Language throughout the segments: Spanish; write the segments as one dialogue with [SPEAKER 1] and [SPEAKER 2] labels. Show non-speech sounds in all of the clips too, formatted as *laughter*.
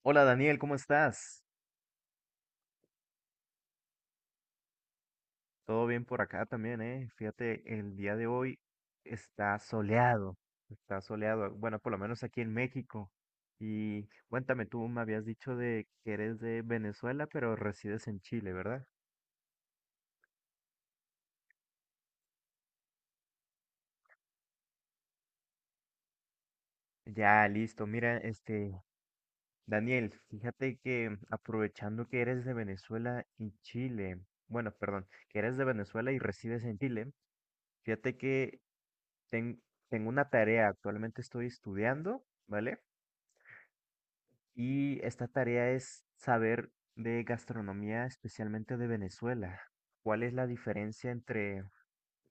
[SPEAKER 1] Hola Daniel, ¿cómo estás? Todo bien por acá también, ¿eh? Fíjate, el día de hoy está soleado, está soleado, bueno, por lo menos aquí en México. Y cuéntame, tú me habías dicho de que eres de Venezuela, pero resides en Chile, ¿verdad? Ya, listo. Mira, Daniel, fíjate que aprovechando que eres de Venezuela y Chile, bueno, perdón, que eres de Venezuela y resides en Chile, fíjate que ten- tengo una tarea, actualmente estoy estudiando, ¿vale? Y esta tarea es saber de gastronomía, especialmente de Venezuela. ¿Cuál es la diferencia entre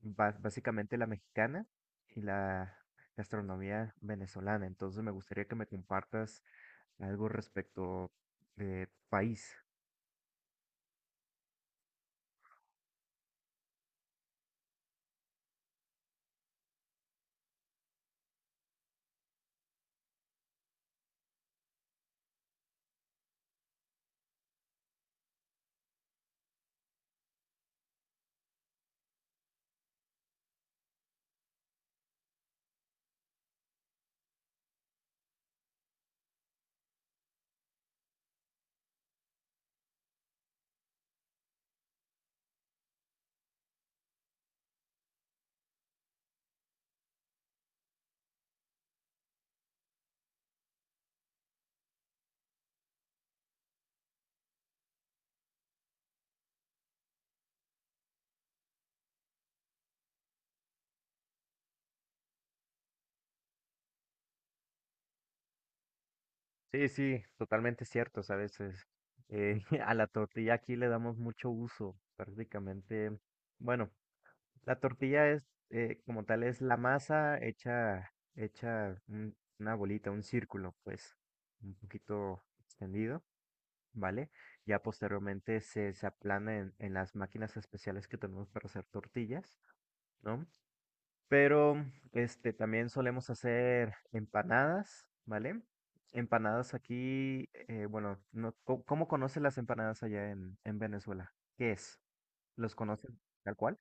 [SPEAKER 1] básicamente la mexicana y la gastronomía venezolana? Entonces me gustaría que me compartas algo respecto de tu país. Sí, sí, totalmente cierto, ¿sabes? Eh, *laughs* a la tortilla aquí le damos mucho uso, prácticamente. Bueno, la tortilla es, como tal, es la masa hecha una bolita, un círculo, pues, un poquito extendido, ¿vale? Ya posteriormente se aplana en las máquinas especiales que tenemos para hacer tortillas, ¿no? Pero, también solemos hacer empanadas, ¿vale? Empanadas aquí, bueno, no, ¿cómo conocen las empanadas allá en Venezuela? ¿Qué es? ¿Los conocen tal cual?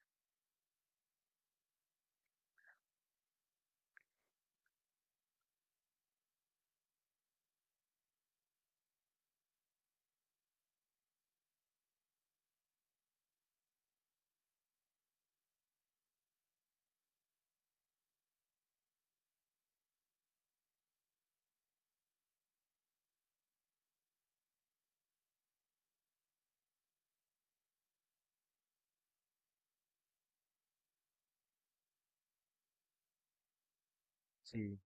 [SPEAKER 1] Sí.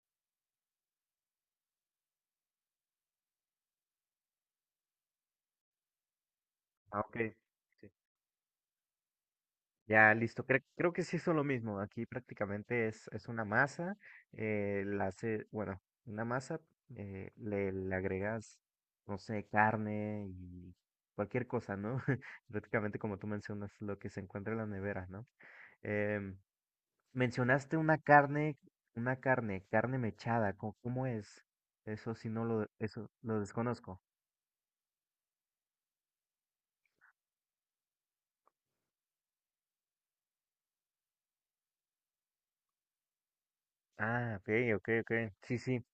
[SPEAKER 1] Ah, ok. Sí. Ya, listo. Creo que sí son lo mismo. Aquí prácticamente es una masa. La hace, bueno, una masa, le agregas, no sé, carne y cualquier cosa, ¿no? *laughs* Prácticamente como tú mencionas, lo que se encuentra en la nevera, ¿no? Em, mencionaste una carne, carne mechada. ¿Cómo es? Eso sí no lo, eso lo desconozco. Ah, ok, ok, ok. Sí, sí.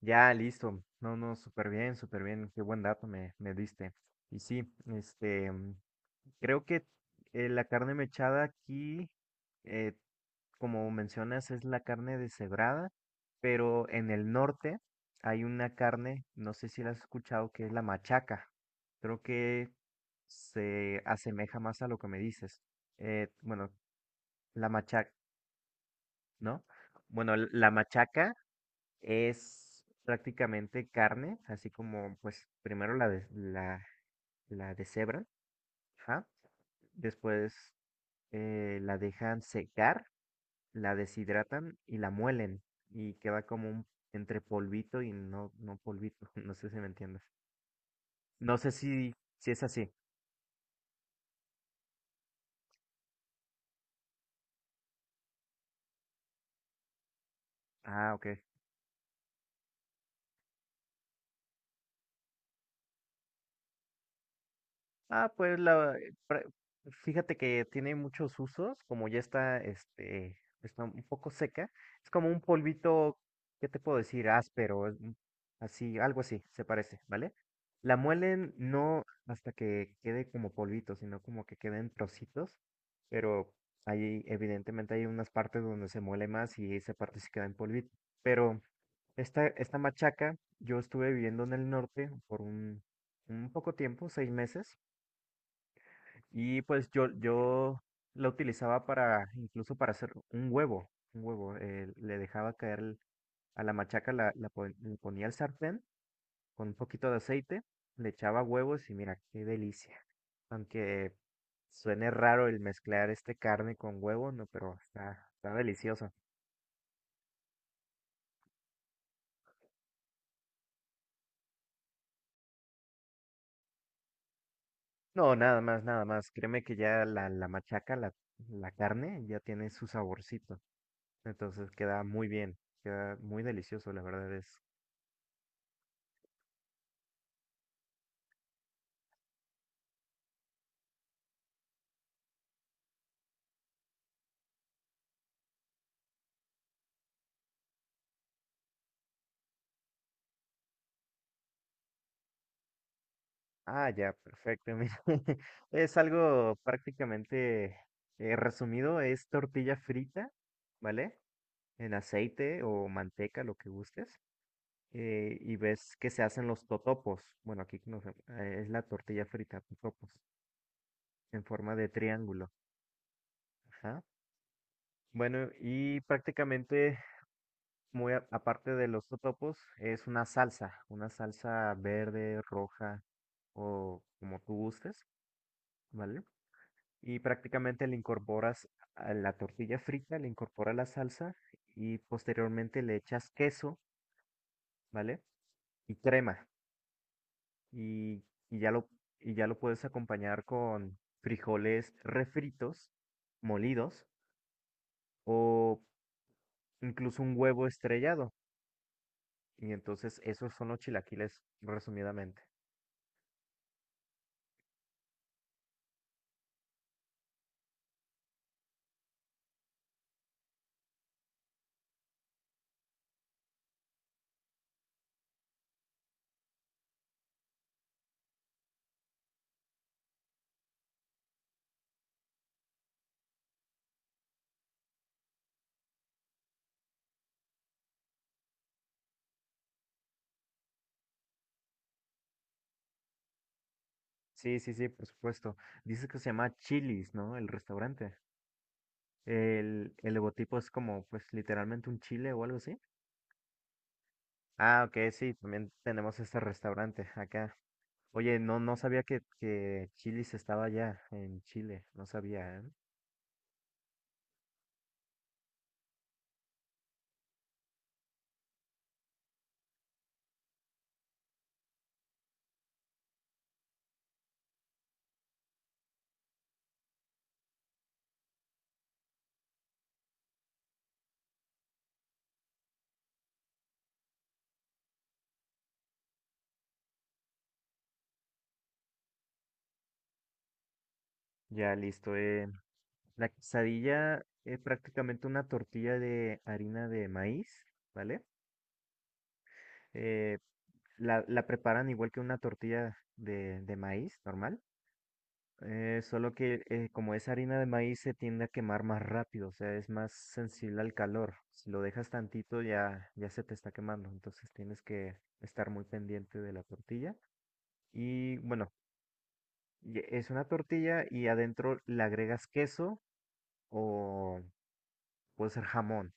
[SPEAKER 1] Ya, listo. No, no, súper bien, súper bien. Qué buen dato me diste. Y sí, creo que la carne mechada aquí, eh, como mencionas, es la carne deshebrada, pero en el norte hay una carne, no sé si la has escuchado, que es la machaca. Creo que se asemeja más a lo que me dices. Bueno, la machaca, ¿no? Bueno, la machaca es prácticamente carne, así como pues primero la deshebran, ajá, después la dejan secar, la deshidratan y la muelen y queda entre polvito y no, no polvito, *laughs* no sé si me entiendes. No sé si es así. Ah, ok. Ah, pues fíjate que tiene muchos usos, como ya está un poco seca, es como un polvito, ¿qué te puedo decir? Áspero, así, algo así, se parece, ¿vale? La muelen no hasta que quede como polvito, sino como que quede en trocitos, pero ahí evidentemente hay unas partes donde se muele más y esa parte se queda en polvito. Pero esta machaca, yo estuve viviendo en el norte por un poco tiempo, 6 meses. Y pues yo la utilizaba para, incluso para hacer un huevo. Le dejaba caer a la machaca, le ponía el sartén con un poquito de aceite, le echaba huevos y mira, qué delicia. Aunque suene raro el mezclar este carne con huevo, no, pero está delicioso. No, nada más, nada más. Créeme que ya la machaca, la carne, ya tiene su saborcito. Entonces queda muy bien, queda muy delicioso, la verdad es. Ah, ya, perfecto. Mira, *laughs* es algo prácticamente resumido, es tortilla frita, ¿vale? En aceite o manteca, lo que gustes. Y ves que se hacen los totopos. Bueno, aquí es la tortilla frita, totopos, en forma de triángulo. Ajá. Bueno, y prácticamente, muy aparte de los totopos, es una salsa verde, roja o como tú gustes, ¿vale? Y prácticamente le incorporas a la tortilla frita, le incorporas la salsa y posteriormente le echas queso, ¿vale? Y crema y, y ya lo, y ya lo puedes acompañar con frijoles refritos, molidos o incluso un huevo estrellado. Y entonces esos son los chilaquiles resumidamente. Sí, sí, sí, por supuesto. Dices que se llama Chili's, ¿no? El restaurante. El logotipo es como, pues, literalmente un chile o algo así. Ah, ok, sí, también tenemos este restaurante acá. Oye, no, no sabía que Chili's estaba allá en Chile, no sabía, ¿eh? Ya, listo. La quesadilla es prácticamente una tortilla de harina de maíz, ¿vale? Eh, la preparan igual que una tortilla de maíz normal. Solo que como es harina de maíz se tiende a quemar más rápido, o sea, es más sensible al calor. Si lo dejas tantito ya se te está quemando, entonces tienes que estar muy pendiente de la tortilla. Y bueno, y es una tortilla y adentro le agregas queso o puede ser jamón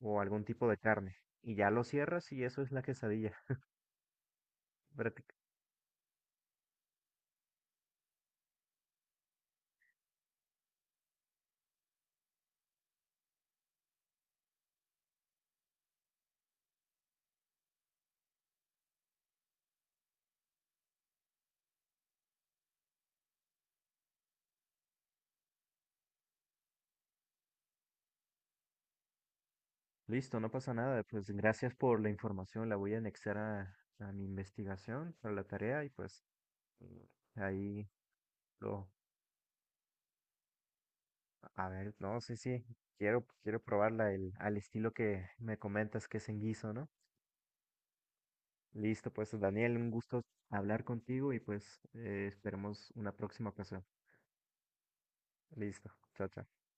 [SPEAKER 1] o algún tipo de carne. Y ya lo cierras y eso es la quesadilla. práctica- Listo, no pasa nada. Pues gracias por la información, la voy a anexar a mi investigación, a la tarea y pues. Mm. Ahí lo, a ver, no, sí, sí, quiero probarla al estilo que me comentas que es en guiso, ¿no? Listo, pues Daniel, un gusto hablar contigo y pues esperemos una próxima ocasión. Listo, chao, chao.